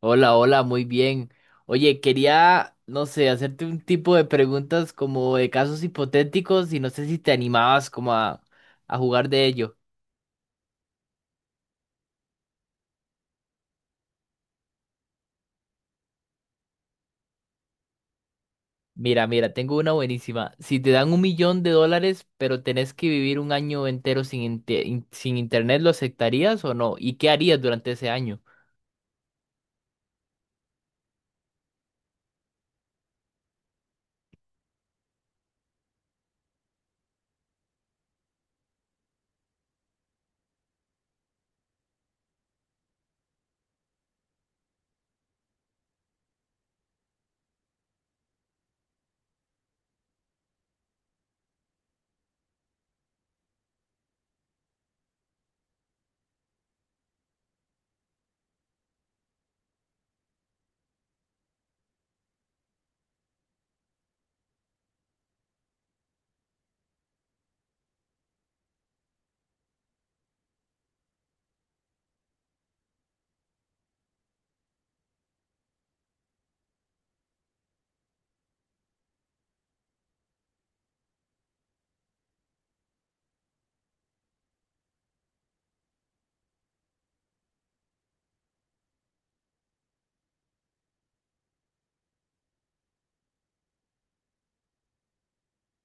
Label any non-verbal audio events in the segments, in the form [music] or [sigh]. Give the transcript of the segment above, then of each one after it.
Hola, hola, muy bien. Oye, quería, no sé, hacerte un tipo de preguntas como de casos hipotéticos y no sé si te animabas como a jugar de ello. Mira, mira, tengo una buenísima. Si te dan $1.000.000, pero tenés que vivir un año entero sin internet, ¿lo aceptarías o no? ¿Y qué harías durante ese año?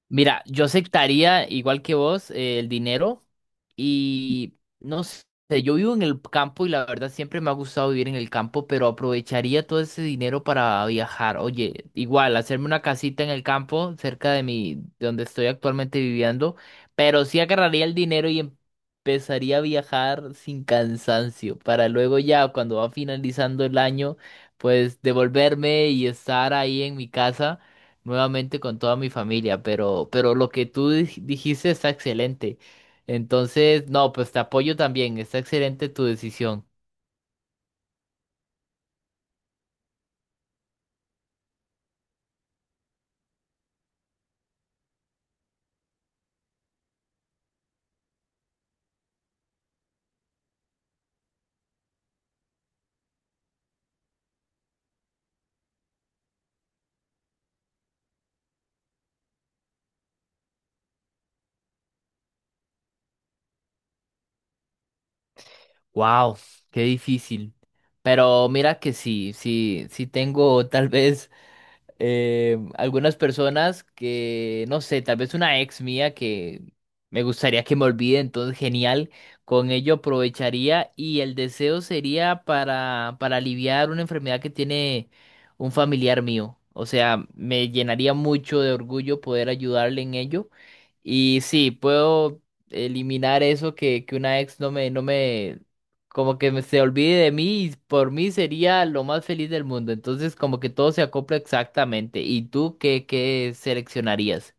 Mira, yo aceptaría, igual que vos, el dinero y no sé, yo vivo en el campo y la verdad siempre me ha gustado vivir en el campo, pero aprovecharía todo ese dinero para viajar. Oye, igual, hacerme una casita en el campo cerca de mi, de donde estoy actualmente viviendo, pero sí agarraría el dinero y empezaría a viajar sin cansancio para luego ya cuando va finalizando el año, pues devolverme y estar ahí en mi casa nuevamente con toda mi familia, pero lo que tú dijiste está excelente. Entonces, no, pues te apoyo también, está excelente tu decisión. Wow, qué difícil. Pero mira que sí, sí, sí tengo tal vez algunas personas que, no sé, tal vez una ex mía que me gustaría que me olvide, entonces genial, con ello aprovecharía y el deseo sería para aliviar una enfermedad que tiene un familiar mío. O sea, me llenaría mucho de orgullo poder ayudarle en ello. Y sí, puedo eliminar eso que una ex no me, no me como que se olvide de mí y por mí sería lo más feliz del mundo. Entonces, como que todo se acopla exactamente. ¿Y tú qué, seleccionarías?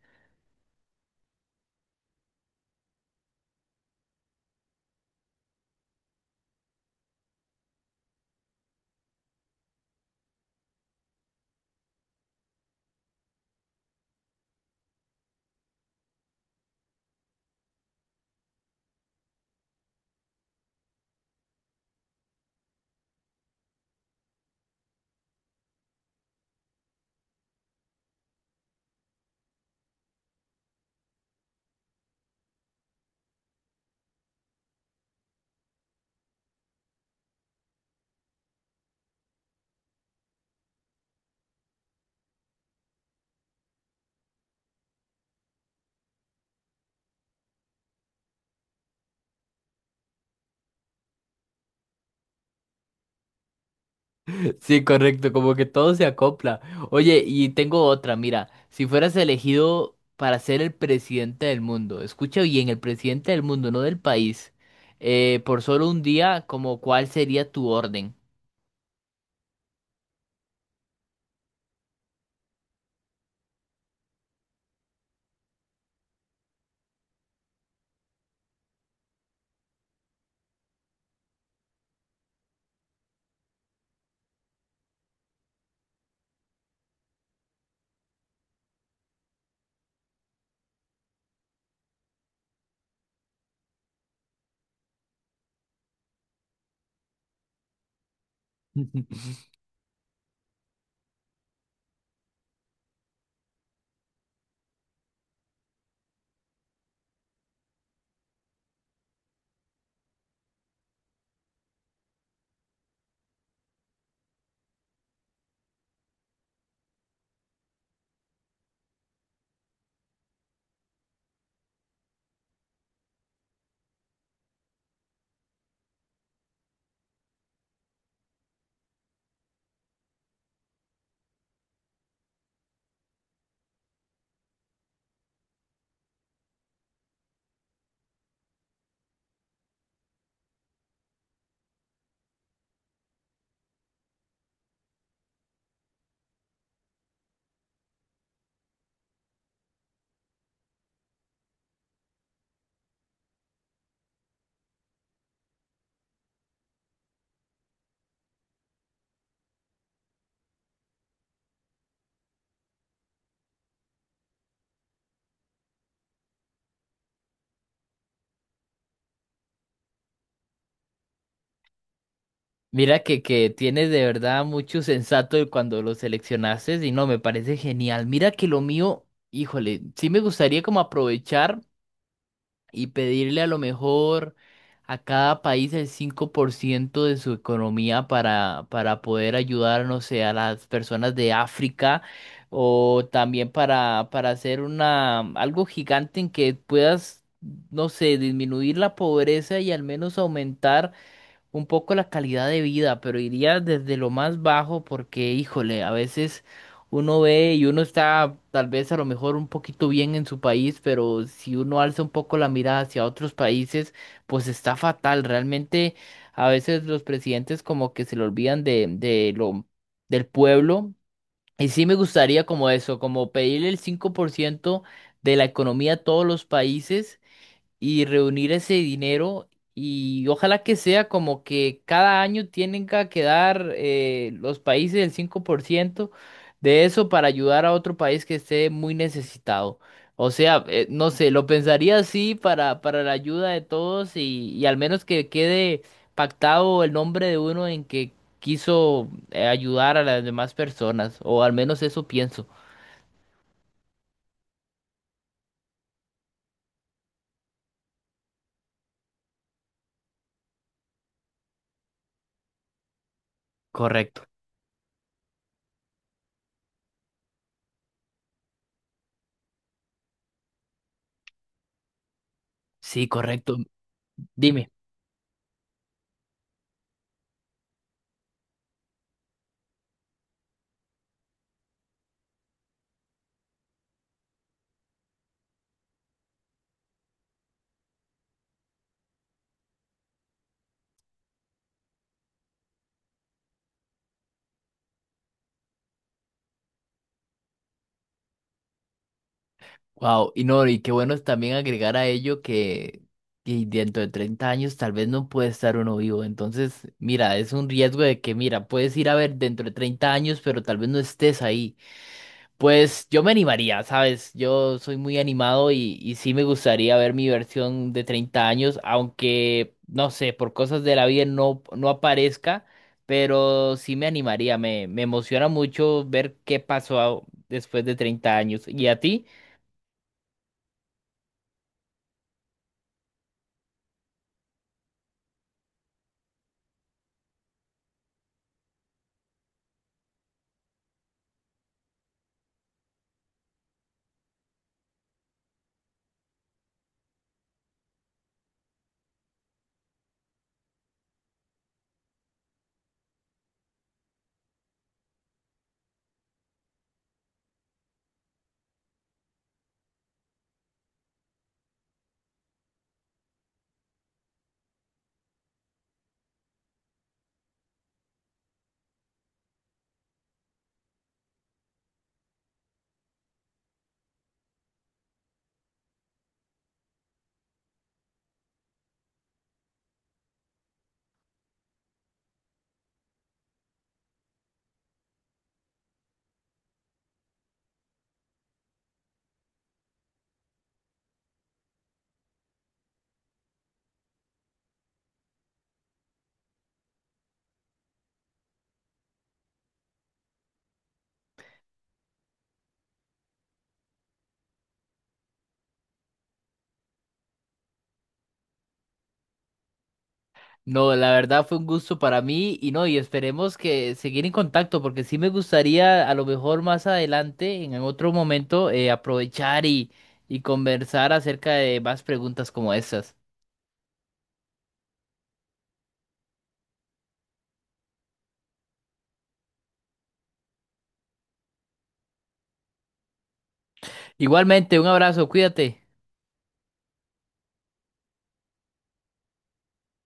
[laughs] Sí, correcto, como que todo se acopla. Oye, y tengo otra, mira, si fueras elegido para ser el presidente del mundo, escucha bien, el presidente del mundo, no del país, por solo un día, ¿como cuál sería tu orden? [laughs] Mira que tienes de verdad mucho sensato de cuando lo seleccionaste y no, me parece genial. Mira que lo mío, híjole, sí me gustaría como aprovechar y pedirle a lo mejor a cada país el 5% de su economía para poder ayudar, no sé, a las personas de África o también para hacer una, algo gigante en que puedas, no sé, disminuir la pobreza y al menos aumentar un poco la calidad de vida, pero iría desde lo más bajo porque, híjole, a veces uno ve y uno está tal vez a lo mejor un poquito bien en su país, pero si uno alza un poco la mirada hacia otros países, pues está fatal. Realmente a veces los presidentes como que se le olvidan de lo del pueblo. Y sí me gustaría como eso, como pedirle el 5% de la economía a todos los países y reunir ese dinero y ojalá que sea como que cada año tienen que dar los países el 5% de eso para ayudar a otro país que esté muy necesitado. O sea, no sé, lo pensaría así para la ayuda de todos y al menos que quede pactado el nombre de uno en que quiso ayudar a las demás personas, o al menos eso pienso. Correcto, sí, correcto. Dime. Wow, y no, y qué bueno también agregar a ello que dentro de 30 años tal vez no puede estar uno vivo. Entonces, mira, es un riesgo de que, mira, puedes ir a ver dentro de 30 años, pero tal vez no estés ahí. Pues yo me animaría, ¿sabes? Yo soy muy animado y sí me gustaría ver mi versión de 30 años, aunque, no sé, por cosas de la vida no, aparezca, pero sí me animaría, me emociona mucho ver qué pasó después de 30 años. ¿Y a ti? No, la verdad fue un gusto para mí y no, y esperemos que seguir en contacto porque sí me gustaría a lo mejor más adelante, en otro momento, aprovechar y conversar acerca de más preguntas como estas. Igualmente, un abrazo, cuídate.